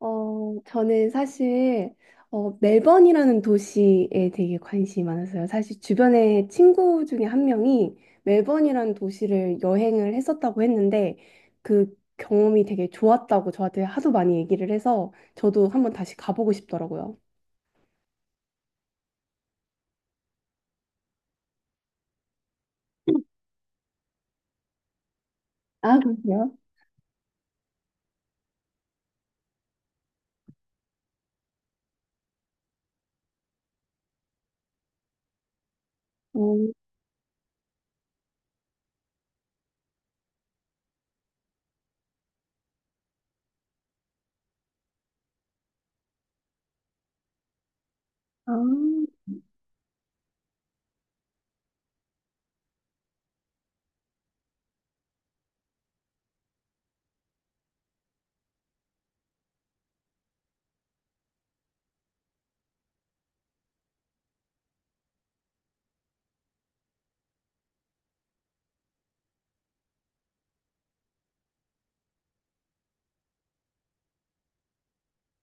저는 사실 멜번이라는 도시에 되게 관심이 많았어요. 사실 주변에 친구 중에 한 명이 멜번이라는 도시를 여행을 했었다고 했는데 그 경험이 되게 좋았다고 저한테 하도 많이 얘기를 해서 저도 한번 다시 가보고 싶더라고요. 아, 그러세요? 어, 아,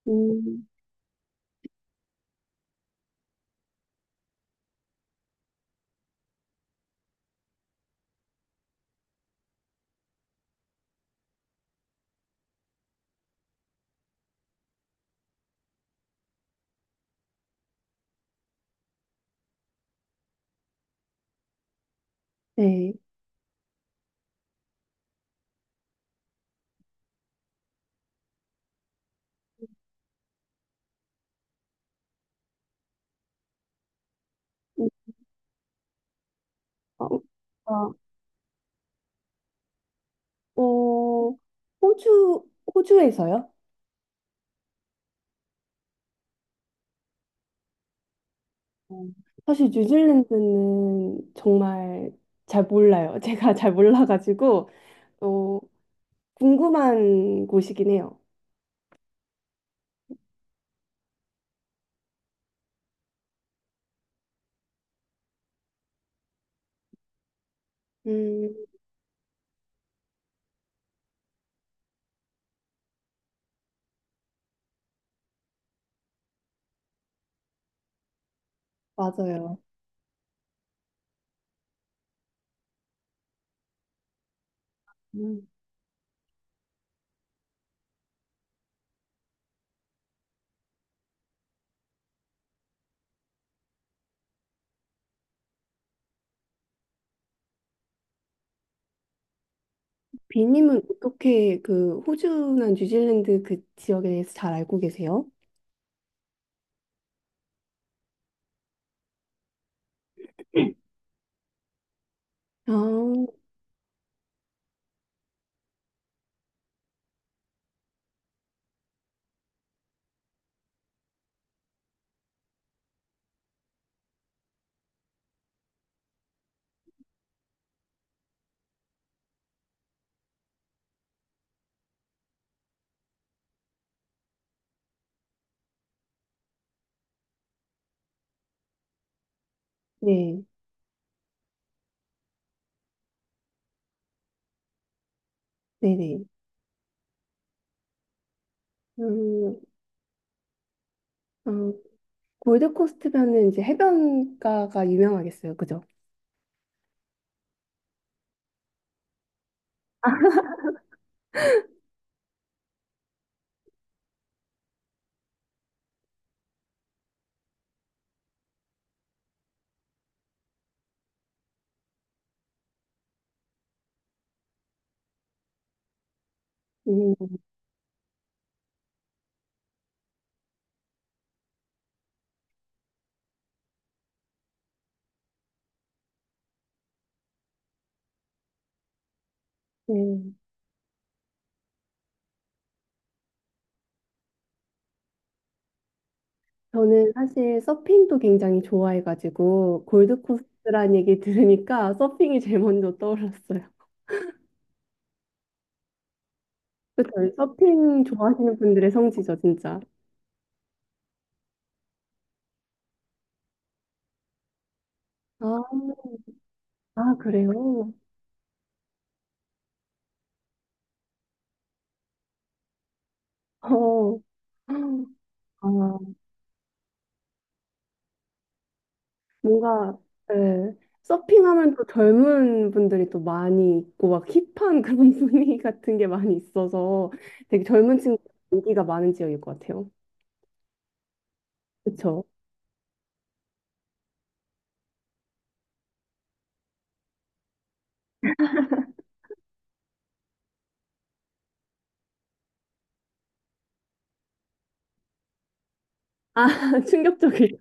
음, 네. 어, 어, 어, 호주, 호주에서요? 어, 사실 뉴질랜드는 정말 잘 몰라요. 제가 잘 몰라가지고 어, 궁금한 곳이긴 해요. 음, 맞아요. 음. 비님은 어떻게 그 호주나 뉴질랜드 그 지역에 대해서 잘 알고 계세요? 아, 네, 네네. 음, 어, 골드코스트면은 이제 해변가가 유명하겠어요, 그죠? 음, 네. 저는 사실 서핑도 굉장히 좋아해가지고 골드코스트란 얘기 들으니까 서핑이 제일 먼저 떠올랐어요. 그쵸? 서핑 좋아하시는 분들의 성지죠, 진짜. 아, 아 그래요? 어, 아, 뭔가 예, 서핑하면 또 젊은 분들이 또 많이 있고 막 힙한 그런 분위기 같은 게 많이 있어서 되게 젊은 친구 인기가 많은 지역일 것 같아요. 그쵸? 아, 충격적일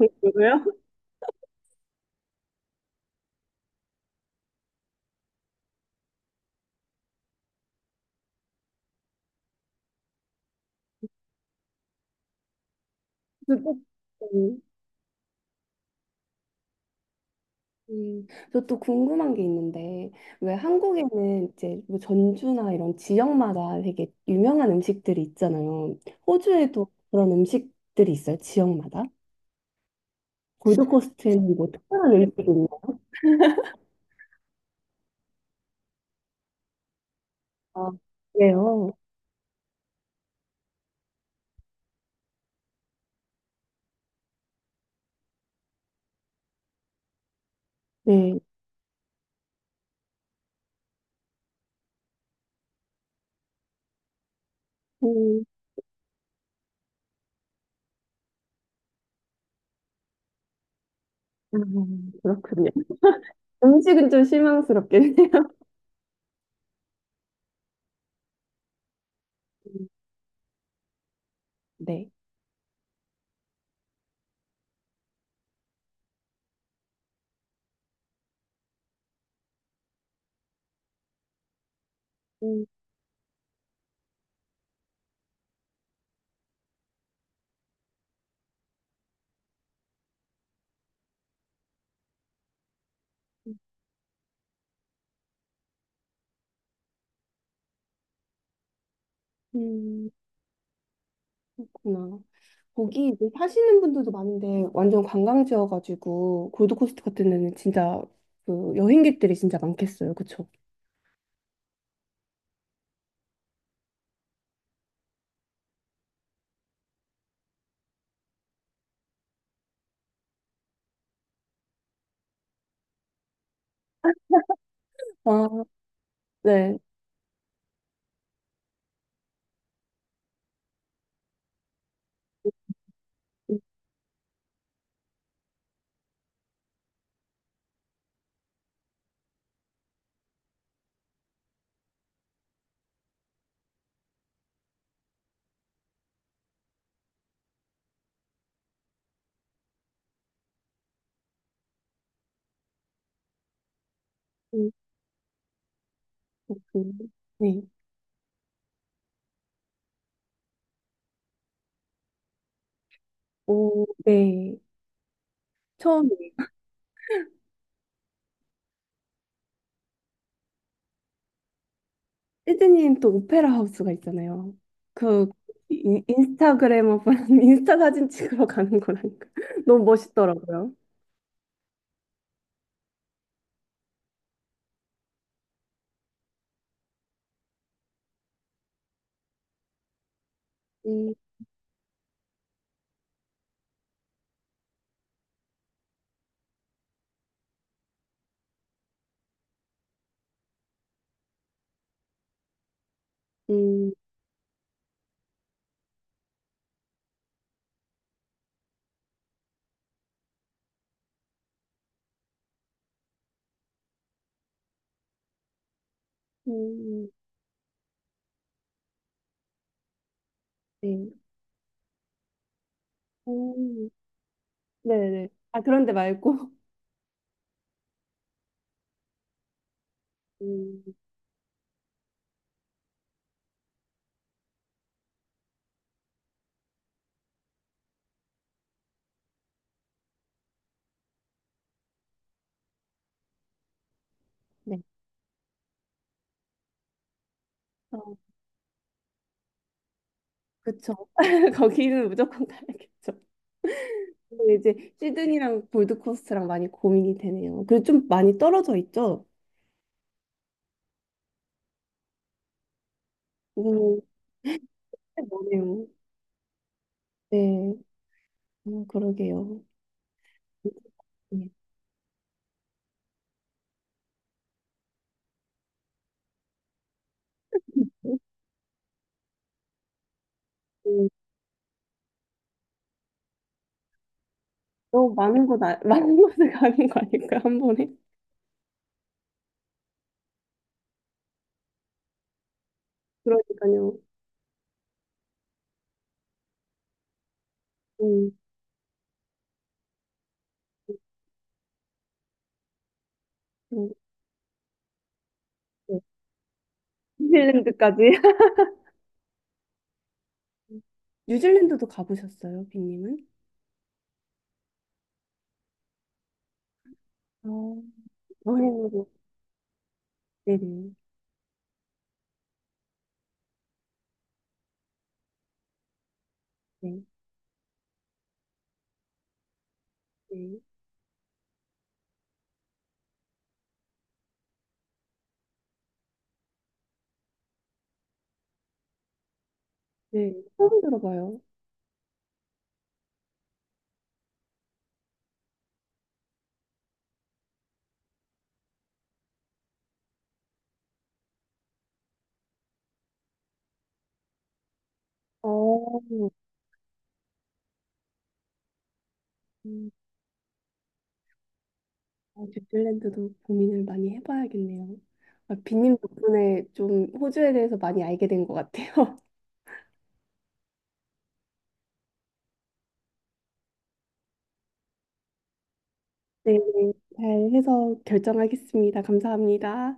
정도로요? 음, 저 또 궁금한 게 있는데, 왜 한국에는 이제 뭐 전주나 이런 지역마다 되게 유명한 음식들이 있잖아요. 호주에도 그런 음식들이 있어요, 지역마다? 골드코스트에는 뭐 특별한 음식이 있나? 아, 그래요? 네. 음, 아, 그렇군요. 음식은 좀 실망스럽긴 해요. 네. 음, 음, 그렇구나. 거기 이제 사시는 분들도 많은데 완전 관광지여가지고 골드코스트 같은 데는 진짜 그 여행객들이 진짜 많겠어요. 그쵸? 아, 네. 음, 음, 음. 네. 오, 네. 처음에. 시드니엔 또 오페라 하우스가 있잖아요. 그 인스타그래머 분 인스타 사진 찍으러 가는 거라니까 너무 멋있더라고요. 음, 음, 음, 네. 음, 네네. 아, 그런데 말고. 음, 네. 그쵸. 거기는 무조건 가야겠죠. 근데 이제 시드니랑 골드코스트랑 많이 고민이 되네요. 그리고 좀 많이 떨어져 있죠? 음, 뭐네요. 네, 그러게요. 음, 너무 많은 곳, 아- 많은 곳을 가는 거 아닐까, 한 번에? 그러니까요. 음, 음, 네. 뉴질랜드까지. 뉴질랜드도 가보셨어요, 빈님은? 아, 여행으로. 네네. 네, 네. 네, 처음 들어봐요. 어, 뉴질랜드도 고민을 많이 해봐야겠네요. 아, 빈님 덕분에 좀 호주에 대해서 많이 알게 된 것 같아요. 네, 잘 해서 결정하겠습니다. 감사합니다.